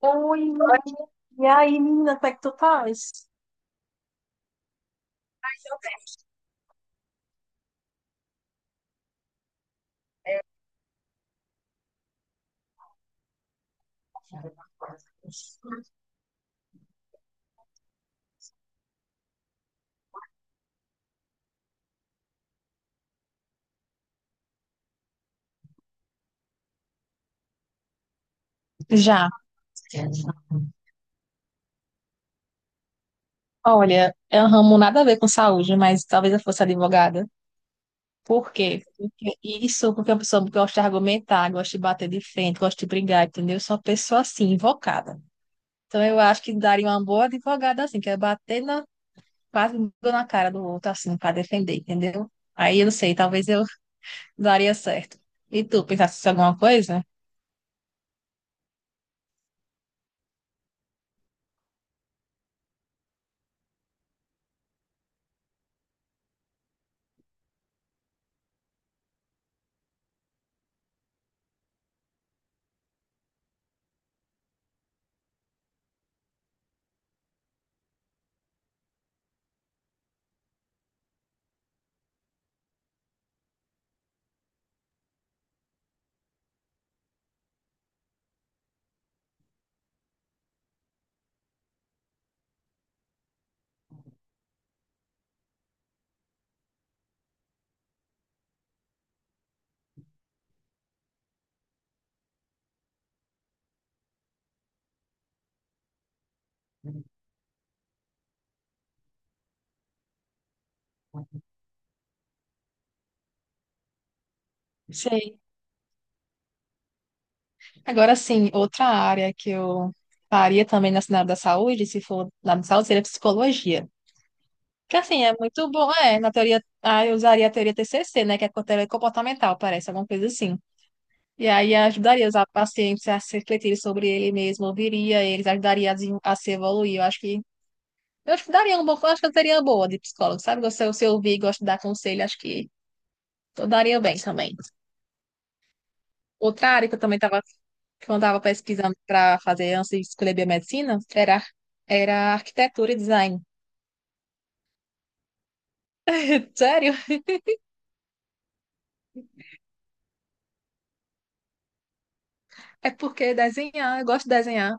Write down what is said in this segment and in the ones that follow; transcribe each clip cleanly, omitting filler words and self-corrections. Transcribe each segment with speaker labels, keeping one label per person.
Speaker 1: Oi, e aí, menina, como é que tu faz? Já. Olha, é um ramo nada a ver com saúde, mas talvez eu fosse advogada. Por quê? Porque isso, porque é uma pessoa que gosta de argumentar, gosta de bater de frente, gosta de brigar, entendeu? Eu sou uma pessoa assim, invocada. Então eu acho que daria uma boa advogada assim, que é bater na, quase na cara do outro assim, para defender, entendeu? Aí eu não sei, talvez eu daria certo. E tu, pensasse em alguma coisa? Sei. Agora sim, outra área que eu faria também na área da saúde, se for lá na da saúde, seria psicologia. Que assim, é muito bom, é, na teoria, eu usaria a teoria TCC, né, que é a teoria comportamental, parece, alguma coisa assim. E aí ajudaria os pacientes a se refletirem sobre ele mesmo, ouviria eles, ajudaria a, a se evoluir. Eu acho que daria um bom, eu acho que eu teria uma boa de psicólogo, sabe? Se eu ouvir, gosto de dar conselho, acho que eu daria bem também. Outra área que eu também tava, que eu andava pesquisando para fazer antes de escolher biomedicina era arquitetura e design. Sério? É porque desenhar, eu gosto de desenhar.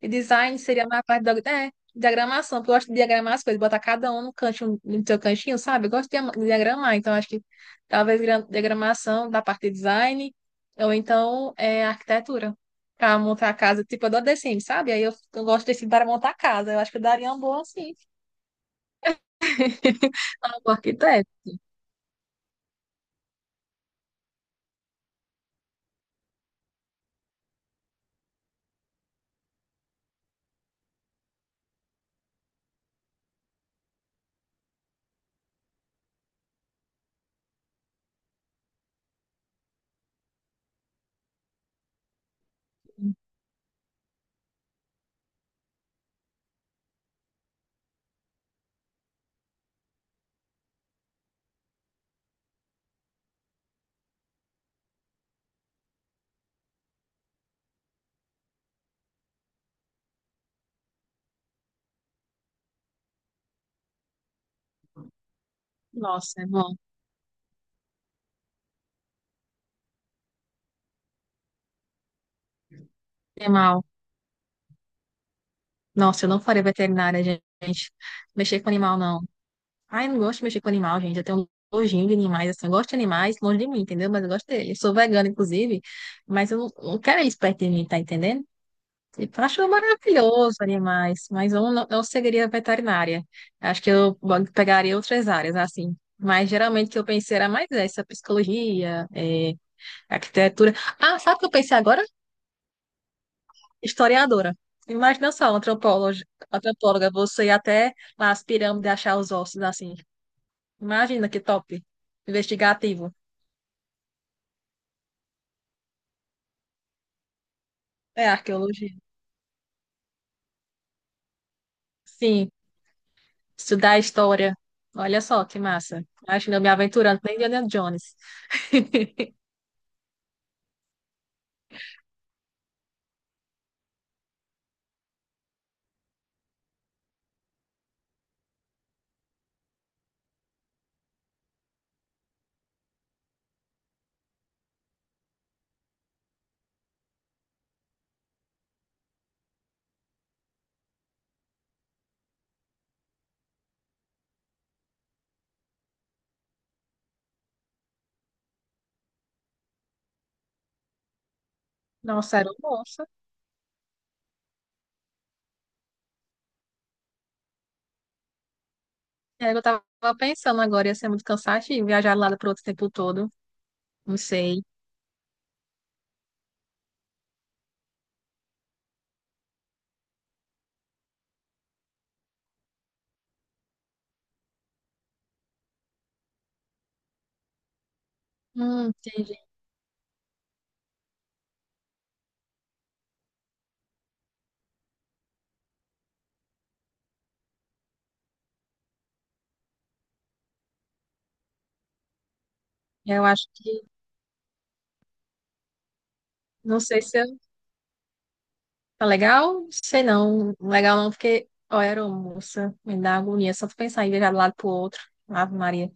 Speaker 1: E design seria mais a parte da diagramação, porque eu gosto de diagramar as coisas, botar cada um no cantinho, no seu cantinho, sabe? Eu gosto de diagramar, então acho que talvez diagramação da parte de design, ou então arquitetura. Pra montar a casa, tipo, eu dou The Sims, sabe? Aí eu gosto desse para montar a casa. Eu acho que eu daria um bom, assim, um arquiteto. Nossa, é bom. Animal. Nossa, eu não farei veterinária, gente. Mexer com animal, não. Ai, eu não gosto de mexer com animal, gente. Eu tenho um nojinho de animais, assim. Eu gosto de animais longe de mim, entendeu? Mas eu gosto deles. Eu sou vegana, inclusive, mas eu não quero eles perto de mim, tá entendendo? Tipo, eu acho maravilhoso animais, mas eu não, não seguiria veterinária. Acho que eu pegaria outras áreas, assim. Mas geralmente o que eu pensei era mais essa, psicologia, arquitetura. Ah, sabe o que eu pensei agora? Historiadora. Imagina só, antropóloga, antropóloga, você ir até lá as pirâmides achar os ossos assim. Imagina que top. Investigativo. É arqueologia. Sim, estudar história. Olha só que massa. Imagina eu me aventurando que nem Indiana Jones. Nossa, era um monstro. É, eu tava pensando agora, ia ser muito cansativo viajar lá para outro tempo todo. Não sei. Entendi. Eu acho que. Não sei se eu. Tá legal? Sei não. Legal não, porque, ó, era moça, me dá agonia só de pensar em viajar de um lado pro outro. Ave Maria.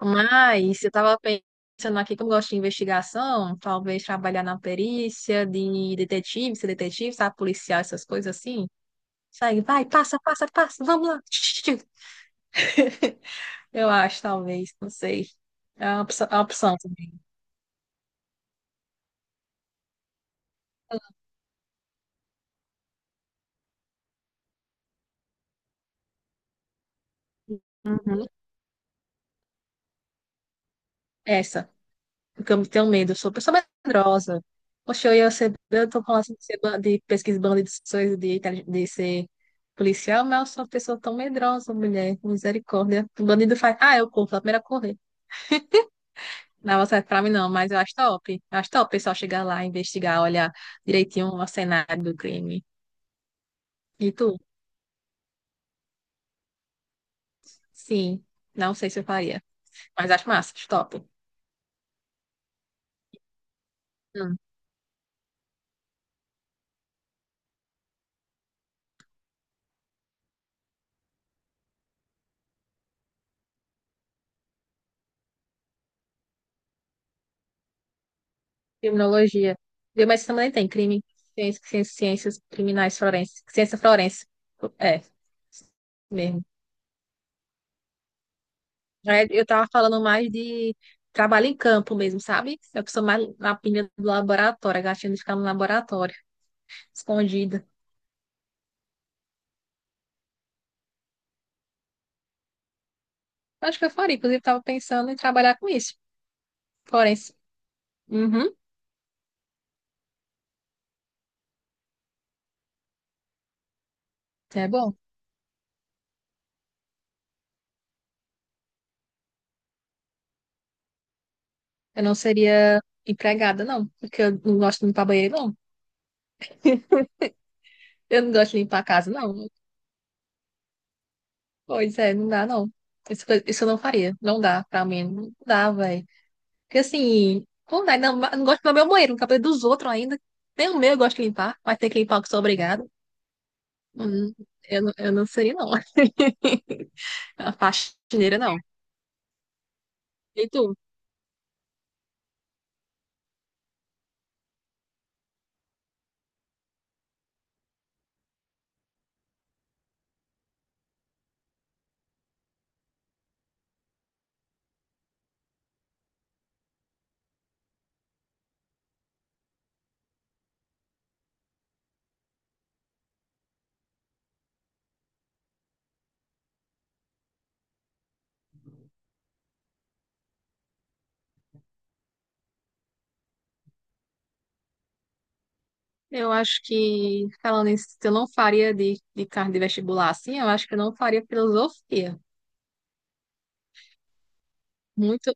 Speaker 1: Mas eu tava pensando aqui, como eu gosto de investigação, talvez trabalhar na perícia de detetive, ser detetive, sabe, policial, essas coisas assim. Segue, vai, passa, passa, passa, vamos lá. Eu acho, talvez, não sei. É uma opção também. Uhum. Essa. Porque eu tenho medo, eu sou uma pessoa medrosa. Poxa, eu ia ser, eu tô falando assim de, ser, de pesquisa de banda de sonhos, de, de ser policial, mas eu sou uma pessoa tão medrosa, mulher, misericórdia. O bandido faz, eu corro, sou a primeira a correr. Não, você pra mim não, mas eu acho top. Eu acho top o pessoal chegar lá, investigar, olhar direitinho o cenário do crime. E tu? Sim, não sei se eu faria, mas acho massa, acho top. Criminologia. Viu? Mas também tem crime, ciências, criminais forenses, ciência forense. É, mesmo. É, eu tava falando mais de trabalho em campo mesmo, sabe? Eu sou mais na pilha do laboratório, a gatinha de ficar no laboratório, escondida. Acho que eu faria, inclusive tava pensando em trabalhar com isso, forense. Uhum, é bom. Eu não seria empregada, não, porque eu não gosto de limpar banheiro, não. Eu não gosto de limpar a casa, não. Pois é, não dá não. Isso eu não faria. Não dá pra mim. Não dá, velho. Porque assim, não dá. Não, não gosto do meu banheiro, no cabelo dos outros ainda. Nem o meu eu gosto de limpar, mas tem que limpar que sou obrigada. Hum, eu não seria, não. A faxineira, não. E tu? Eu acho que, falando isso, eu não faria de carne de vestibular assim, eu acho que eu não faria filosofia. Muito.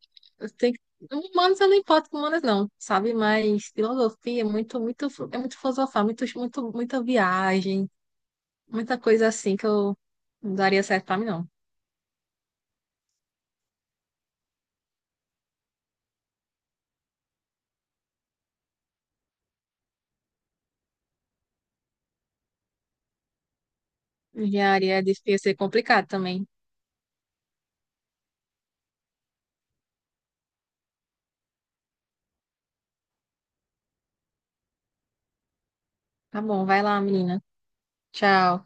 Speaker 1: Tem, humanas eu não importo com humanas, não, sabe? Mas filosofia é muito, muito, é muito filosofar, muito, muito, muita viagem, muita coisa assim que eu não daria certo pra mim, não. Engenharia é difícil, é complicado também. Tá bom, vai lá, menina. Tchau.